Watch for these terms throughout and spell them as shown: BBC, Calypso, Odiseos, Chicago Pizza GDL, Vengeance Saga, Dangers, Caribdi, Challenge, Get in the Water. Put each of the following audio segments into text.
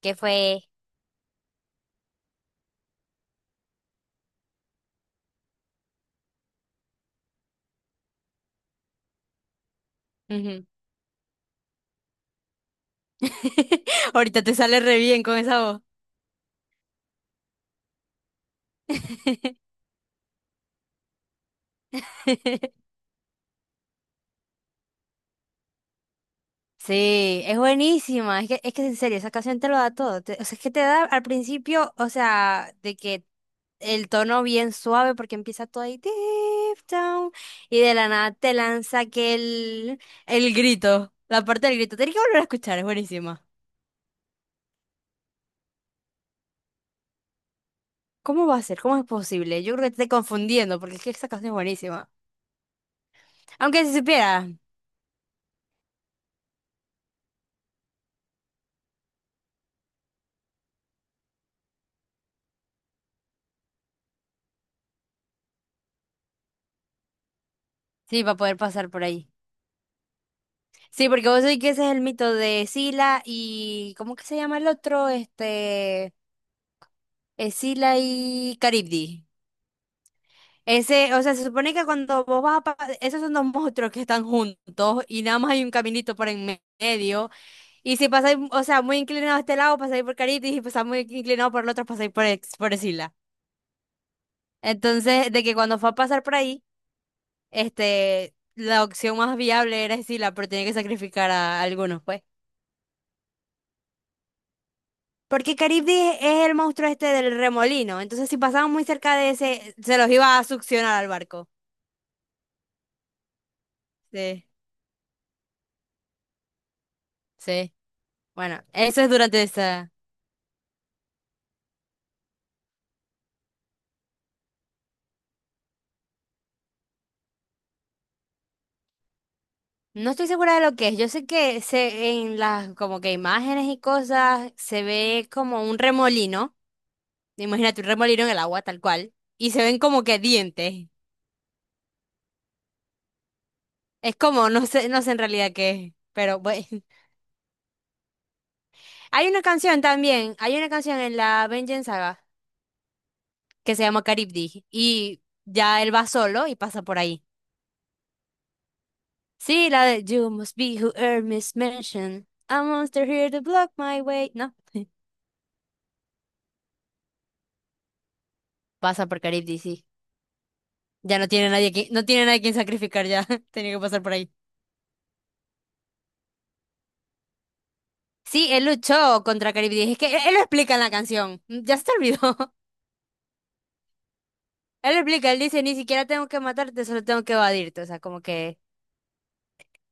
¿Qué fue? Ujú. Ahorita te sale re bien con esa voz. Sí, es buenísima. Es que en serio, esa canción te lo da todo. O sea, es que te da al principio, o sea, de que el tono bien suave porque empieza todo ahí deep down y de la nada te lanza aquel el grito, la parte del grito. Tienes que volver a escuchar, es buenísima. ¿Cómo va a ser? ¿Cómo es posible? Yo creo que te estoy confundiendo porque es que esa canción es buenísima. Aunque si supiera, sí, va a poder pasar por ahí. Sí, porque vos sabés que ese es el mito de Sila y... ¿Cómo que se llama el otro? Este... Sila y Caribdi. Ese, o sea, se supone que cuando vos vas a... Esos son dos monstruos que están juntos y nada más hay un caminito por medio. Y si pasáis, o sea, muy inclinado a este lado, pasáis por Caribdi y si pasáis muy inclinado por el otro, pasáis por, por Sila. Entonces, de que cuando fue a pasar por ahí, este... La opción más viable era Sila, pero tenía que sacrificar a algunos, pues. Porque Caribdis es el monstruo este del remolino. Entonces, si pasaban muy cerca de ese, se los iba a succionar al barco. Sí, sí. Bueno, eso es durante esa. No estoy segura de lo que es. Yo sé en las como que imágenes y cosas se ve como un remolino. Imagínate un remolino en el agua, tal cual. Y se ven como que dientes. Es como, no sé, no sé en realidad qué es. Pero bueno. Hay una canción también. Hay una canción en la Vengeance Saga que se llama Caribdi. Y ya él va solo y pasa por ahí. Sí, la de You must be who Hermes mentioned. A monster here to block my way. No, pasa por Caribdi, sí. Ya no tiene nadie que, no tiene nadie quien sacrificar ya. Tenía que pasar por ahí. Sí, él luchó contra Caribdi. Es que él lo explica en la canción. Ya se te olvidó. Él lo explica, él dice, ni siquiera tengo que matarte, solo tengo que evadirte. O sea, como que,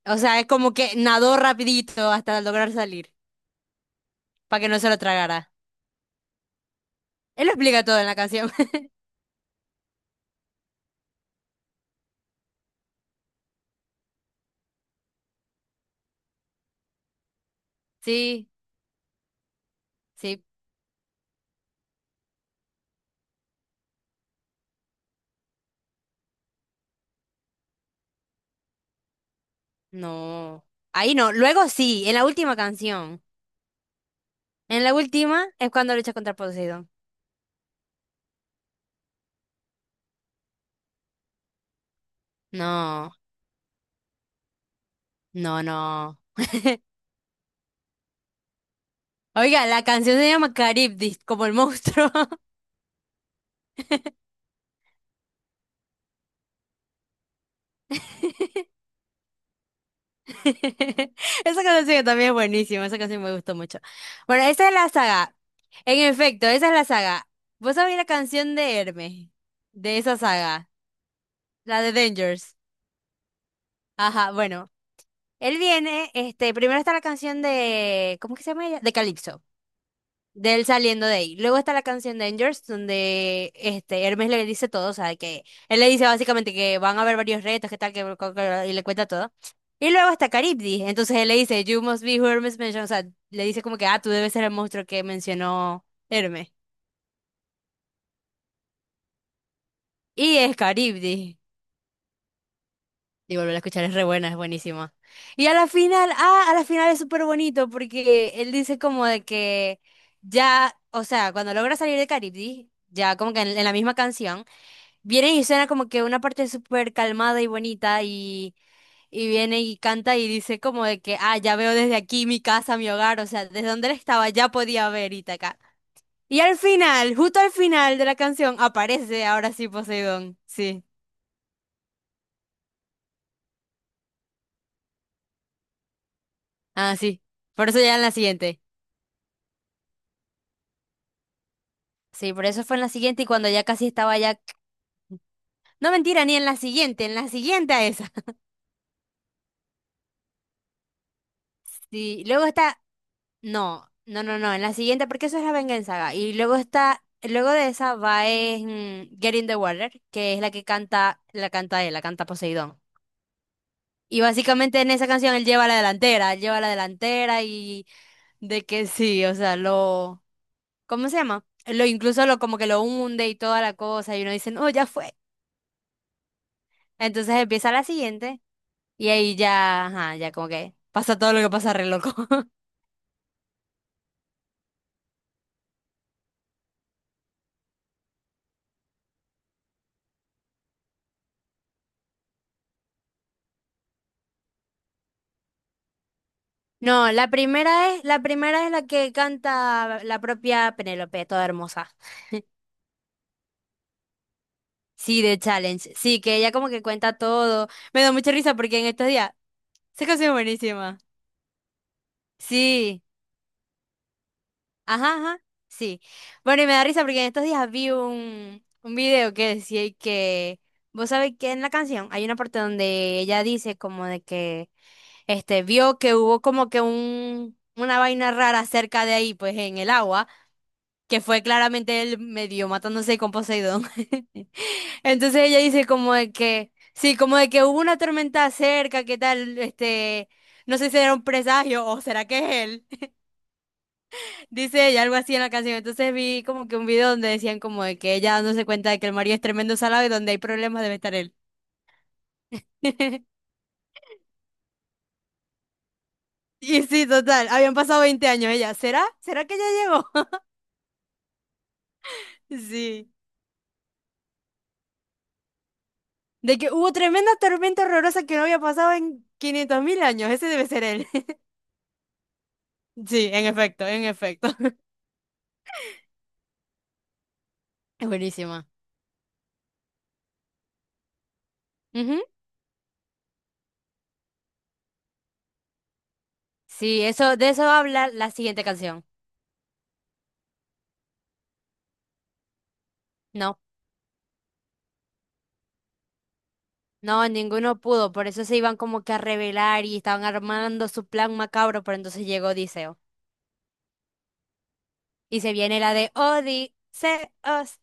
o sea, es como que nadó rapidito hasta lograr salir, para que no se lo tragara. Él lo explica todo en la canción. Sí, sí. No. Ahí no. Luego sí, en la última canción. En la última es cuando lucha contra Poseidón. No, no, no. Oiga, la canción se llama Caribdis, como el monstruo. Esa canción también es buenísima, esa canción me gustó mucho. Bueno, esa es la saga. En efecto, esa es la saga. ¿Vos sabés la canción de Hermes? De esa saga, la de Dangers. Ajá, bueno. Él viene, este, primero está la canción de, ¿cómo que se llama ella? De Calypso. De él saliendo de ahí. Luego está la canción Dangers, donde este Hermes le dice todo, o sea, que él le dice básicamente que van a haber varios retos, que tal, y le cuenta todo. Y luego está Caribdi, entonces él le dice, You must be who Hermes mentioned, o sea, le dice como que, ah, tú debes ser el monstruo que mencionó Hermes. Y es Caribdi. Y volver a escuchar es re buena, es buenísima. Y a la final, ah, a la final es súper bonito porque él dice como de que ya, o sea, cuando logra salir de Caribdi, ya como que en la misma canción. Viene y suena como que una parte súper calmada y bonita y viene y canta y dice como de que, ah, ya veo desde aquí mi casa, mi hogar, o sea, desde donde él estaba ya podía ver Ítaca. Y al final, justo al final de la canción, aparece ahora sí Poseidón. Sí, ah, sí. Por eso ya en la siguiente. Sí, por eso fue en la siguiente y cuando ya casi estaba ya... No mentira, ni en la siguiente, en la siguiente a esa. Sí, luego está No, no, no, no. En la siguiente, porque eso es la venganza. Y luego está, luego de esa va es Get in the Water, que es la que canta, la canta él, la canta Poseidón. Y básicamente en esa canción él lleva la delantera, él lleva la delantera y de que sí, o sea, lo, ¿cómo se llama? Lo incluso lo como que lo hunde y toda la cosa y uno dice, no, ya fue. Entonces empieza la siguiente y ahí ya, ajá, ya como que pasa todo lo que pasa re loco. No, la primera es, la primera es la que canta la propia Penélope, toda hermosa. Sí, de Challenge. Sí, que ella como que cuenta todo. Me da mucha risa porque en estos días se canción es buenísima. Sí, ajá, ajá, sí. Bueno, y me da risa porque en estos días vi un video que decía y que, vos sabés que en la canción hay una parte donde ella dice como de que, este, vio que hubo como que una vaina rara cerca de ahí, pues en el agua. Que fue claramente él medio matándose con Poseidón. Entonces ella dice como de que, sí, como de que hubo una tormenta cerca, ¿qué tal? Este, no sé si era un presagio o será que es él. Dice ella algo así en la canción. Entonces vi como que un video donde decían como de que ella dándose cuenta de que el marido es tremendo salado y donde hay problemas debe estar él. Y sí, total, habían pasado 20 años ella. ¿Será? ¿Será que ya llegó? Sí. De que hubo tremenda tormenta horrorosa que no había pasado en 500.000 años. Ese debe ser él. Sí, en efecto, en efecto. Es buenísima. Ujú. Sí, eso, de eso va a hablar la siguiente canción. No, no, ninguno pudo, por eso se iban como que a revelar y estaban armando su plan macabro, pero entonces llegó Odiseo. Y se viene la de Odiseos.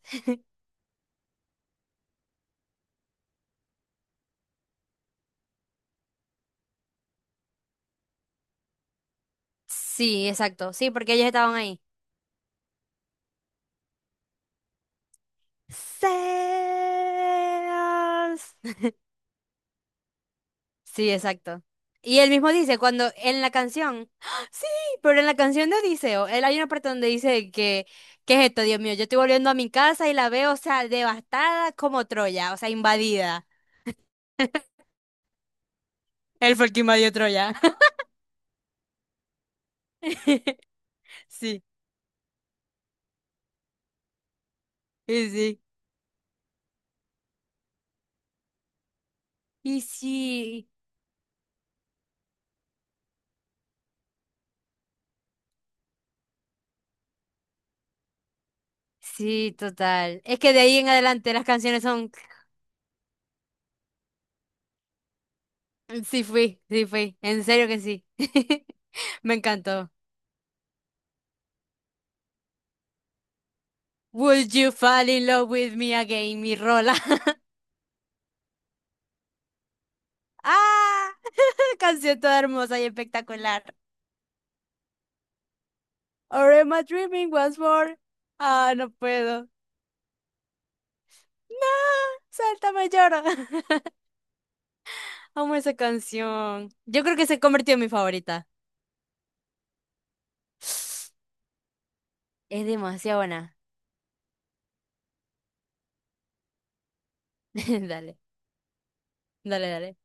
Sí, exacto, sí, porque ellos estaban ahí. Zeus. Sí, exacto. Y él mismo dice, cuando en la canción, ¡Ah! Sí, pero en la canción de Odiseo, él hay una parte donde dice que, ¿qué es esto, Dios mío? Yo estoy volviendo a mi casa y la veo, o sea, devastada como Troya, o sea, invadida. Él fue el que invadió Troya. Sí, y sí. Y sí, sí, total. Es que de ahí en adelante las canciones son, sí fui, en serio que sí. Me encantó. Would you fall in love with me again, mi rola? Ah, canción toda hermosa y espectacular. Or am I dreaming once more? Ah, no puedo. No, sáltame, lloro. Amo esa canción. Yo creo que se convirtió en mi favorita. Es demasiado buena. Dale, dale, dale.